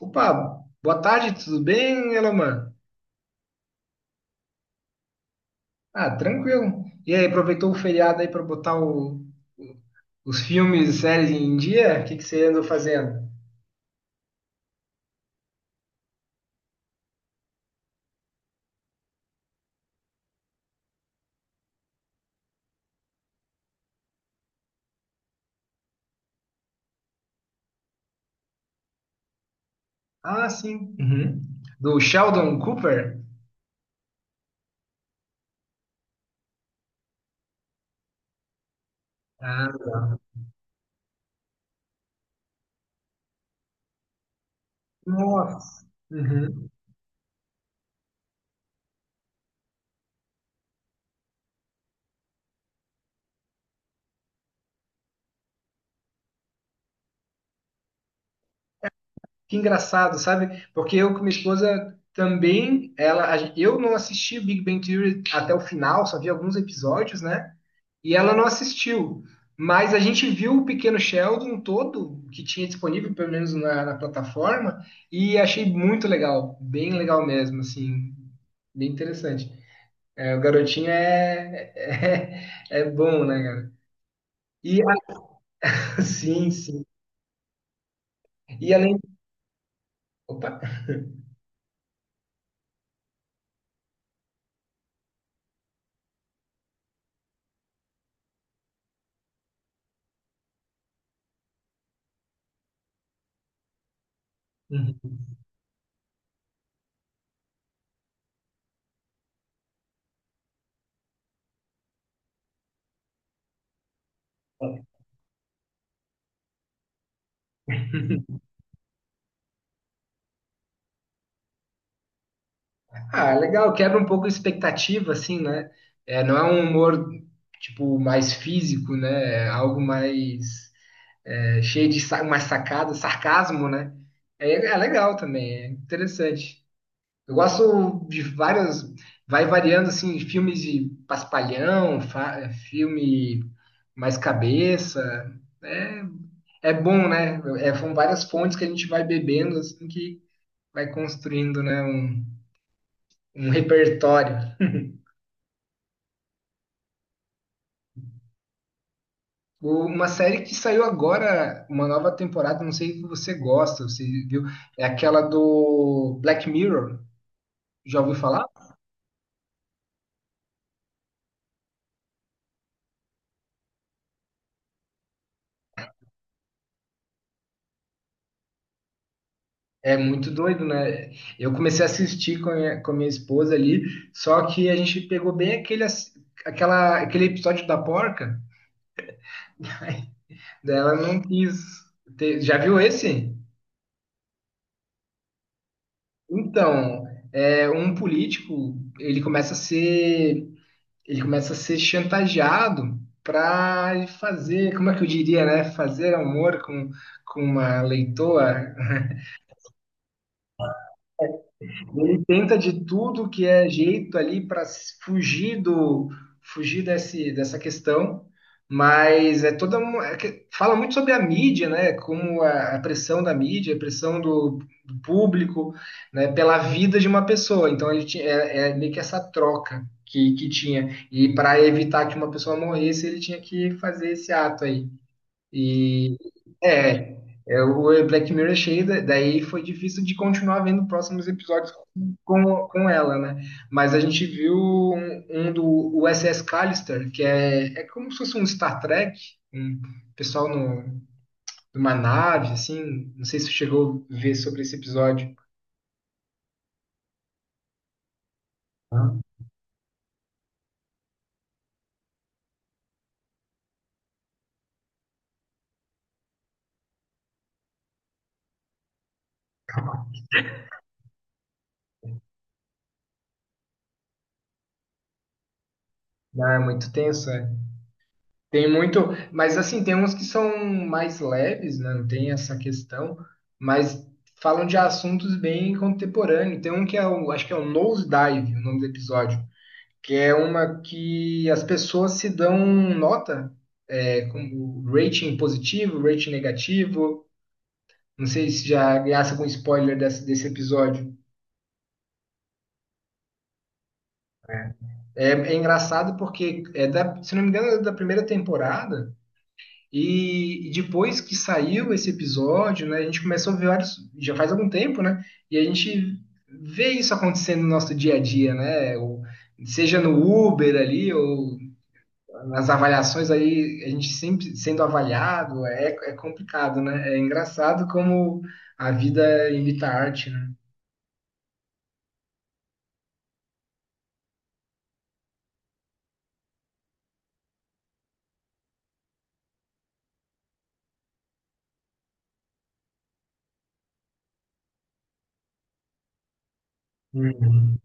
Opa, boa tarde, tudo bem, Eloman? Ah, tranquilo. E aí, aproveitou o feriado aí para botar o- os filmes e séries em dia? O que que você andou fazendo? Ah, sim. Uhum. Do Sheldon Cooper? Ah, legal. Nossa. Uhum. Que engraçado, sabe? Porque eu com minha esposa também, ela, eu não assisti o Big Bang Theory até o final, só vi alguns episódios, né? E ela não assistiu. Mas a gente viu o Pequeno Sheldon todo que tinha disponível, pelo menos na plataforma, e achei muito legal, bem legal mesmo, assim, bem interessante. É, o garotinho é bom, né, cara? E a- sim, sim. E além. Opa! Uhum. Ah, legal, quebra um pouco a expectativa, assim, né? É, não é um humor, tipo, mais físico, né? É algo mais cheio de sa mais sacada, sarcasmo, né? É, é legal também, é interessante. Eu gosto de várias, vai variando, assim, filmes de paspalhão, filme mais cabeça, é, é bom, né? É, são várias fontes que a gente vai bebendo, assim, que vai construindo, né, um repertório. Uma série que saiu agora, uma nova temporada, não sei se você gosta, você viu? É aquela do Black Mirror. Já ouviu falar? É muito doido, né? Eu comecei a assistir com com a minha esposa ali, só que a gente pegou bem aquele episódio da porca, daí ela não quis ter. Já viu esse? Então, é um político, ele começa a ser chantageado para fazer, como é que eu diria, né? Fazer amor com uma leitoa. Ele tenta de tudo que é jeito ali para fugir do fugir dessa questão, mas é toda fala muito sobre a mídia, né? Como a pressão da mídia, a pressão do público, né? Pela vida de uma pessoa. Então ele tinha, é, é meio que essa troca que tinha, e para evitar que uma pessoa morresse, ele tinha que fazer esse ato aí. E é, é, o Black Mirror é cheio, daí foi difícil de continuar vendo próximos episódios com ela, né? Mas a gente viu um do USS Callister, que é, é como se fosse um Star Trek, um pessoal no, numa nave, assim. Não sei se você chegou a ver sobre esse episódio. Ah, é muito tenso, é. Tem muito, mas assim, tem uns que são mais leves, né? Não tem essa questão, mas falam de assuntos bem contemporâneos. Tem um que é acho que é o Nosedive, o nome do episódio, que é uma que as pessoas se dão nota, é, como rating positivo, rating negativo. Não sei se já graça com spoiler desse episódio. É, é engraçado porque é da, se não me engano, é da primeira temporada. E depois que saiu esse episódio, né, a gente começou a ver vários, já faz algum tempo, né? E a gente vê isso acontecendo no nosso dia a dia, né? Ou seja, no Uber ali, ou nas avaliações aí, a gente sempre sendo avaliado, é, é complicado, né? É engraçado como a vida imita a arte, né? Uhum.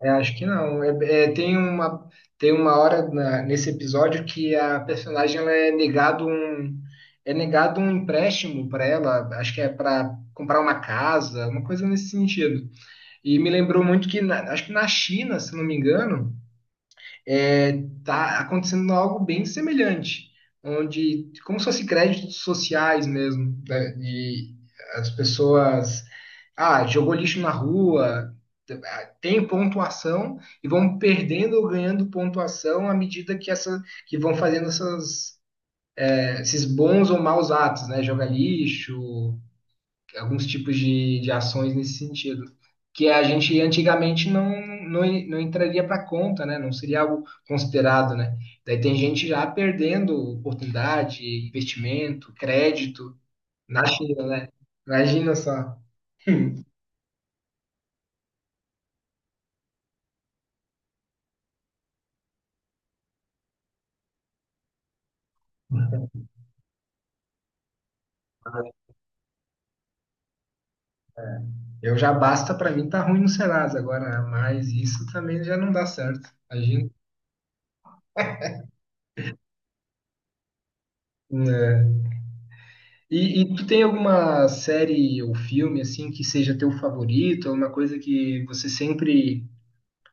É, acho que não. É, tem uma hora nesse episódio que a personagem ela é negado um empréstimo para ela, acho que é para comprar uma casa, uma coisa nesse sentido. E me lembrou muito que, acho que na China, se não me engano, tá acontecendo algo bem semelhante, onde, como se fosse créditos sociais mesmo, né, de as pessoas, ah, jogou lixo na rua, tem pontuação e vão perdendo ou ganhando pontuação à medida que, essa, que vão fazendo essas, esses bons ou maus atos, né? Jogar lixo, alguns tipos de ações nesse sentido, que a gente antigamente não, não entraria para conta, né? Não seria algo considerado, né? Daí tem gente já perdendo oportunidade, investimento, crédito na China, né? Imagina só. Eu já basta para mim tá ruim no Serasa agora, né? Mas isso também já não dá certo. Imagina. Né? E tu tem alguma série ou filme assim que seja teu favorito, alguma coisa que você sempre.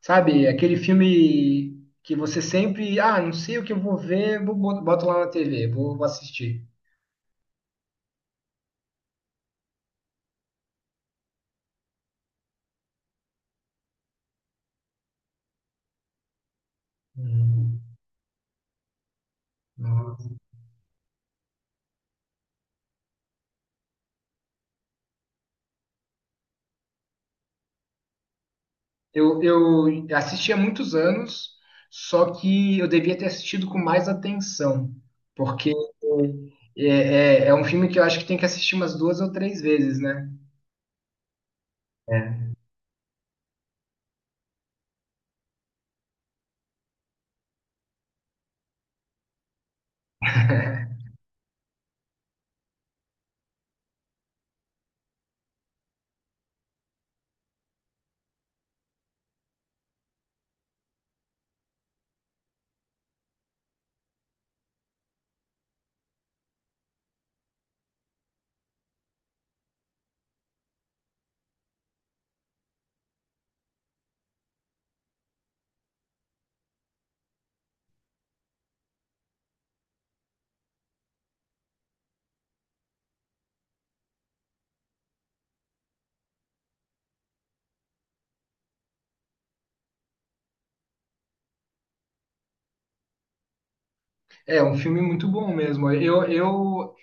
Sabe, aquele filme que você sempre, ah, não sei o que eu vou ver, boto lá na TV, vou assistir. Hum, nossa. Eu assisti há muitos anos, só que eu devia ter assistido com mais atenção, porque é, é um filme que eu acho que tem que assistir umas duas ou três vezes, né? É. É um filme muito bom mesmo.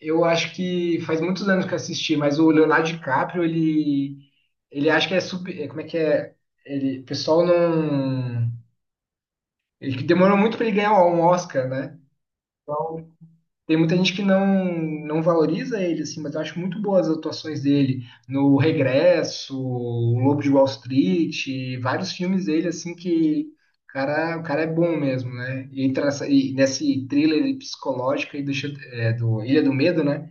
Eu acho que faz muitos anos que eu assisti, mas o Leonardo DiCaprio, ele acha que é super. É, como é que é? Ele, o pessoal não. Ele que demorou muito para ele ganhar um Oscar, né? Então, tem muita gente que não valoriza ele, assim, mas eu acho muito boas as atuações dele no Regresso, O Lobo de Wall Street, vários filmes dele, assim, que o cara é bom mesmo, né? E entra nessa, e nesse thriller psicológico aí do Ilha do Medo, né?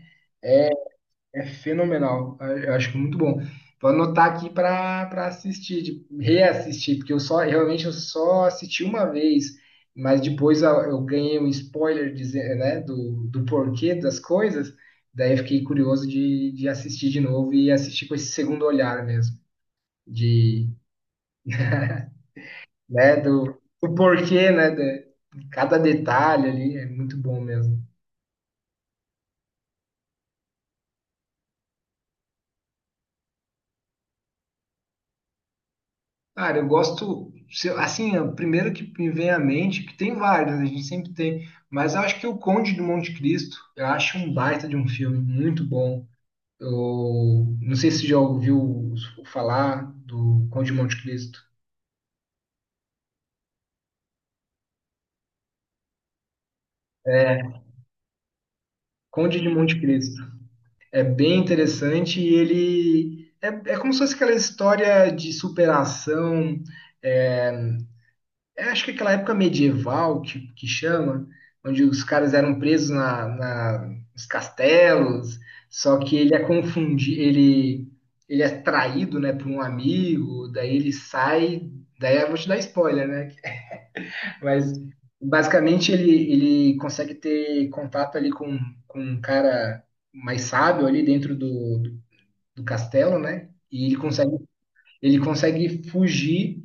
É fenomenal. Eu acho muito bom. Vou anotar aqui para assistir, reassistir, porque eu só assisti uma vez, mas depois eu ganhei um spoiler dizer, né, do porquê das coisas, daí eu fiquei curioso de assistir de novo e assistir com esse segundo olhar mesmo, de, né, do porquê, né, de cada detalhe ali, é muito bom mesmo. Cara, eu gosto, se eu- assim, é o primeiro que me vem à mente, que tem vários, né, a gente sempre tem, mas eu acho que o Conde do Monte Cristo, eu acho um baita de um filme, muito bom. Eu não sei se você já ouviu falar do Conde de Monte Cristo. Conde de Monte Cristo. É bem interessante e ele é, é como se fosse aquela história de superação, é, eu acho que aquela época medieval que chama, onde os caras eram presos nos castelos, só que ele é confundido, ele é traído, né, por um amigo, daí ele sai, daí eu vou te dar spoiler, né? Mas basicamente ele, ele consegue ter contato ali com um cara mais sábio ali dentro do castelo, né? E ele consegue fugir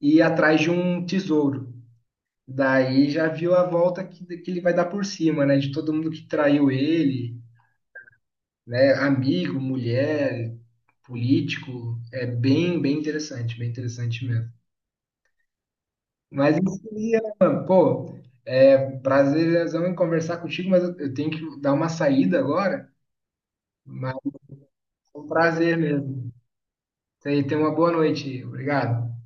e ir atrás de um tesouro. Daí já viu a volta que ele vai dar por cima, né? De todo mundo que traiu ele, né? Amigo, mulher, político. É bem, bem interessante mesmo. Mas isso aí, Alan, pô, é um prazerzão em conversar contigo, mas eu tenho que dar uma saída agora. Mas foi um prazer mesmo. Isso aí, tenha uma boa noite. Obrigado.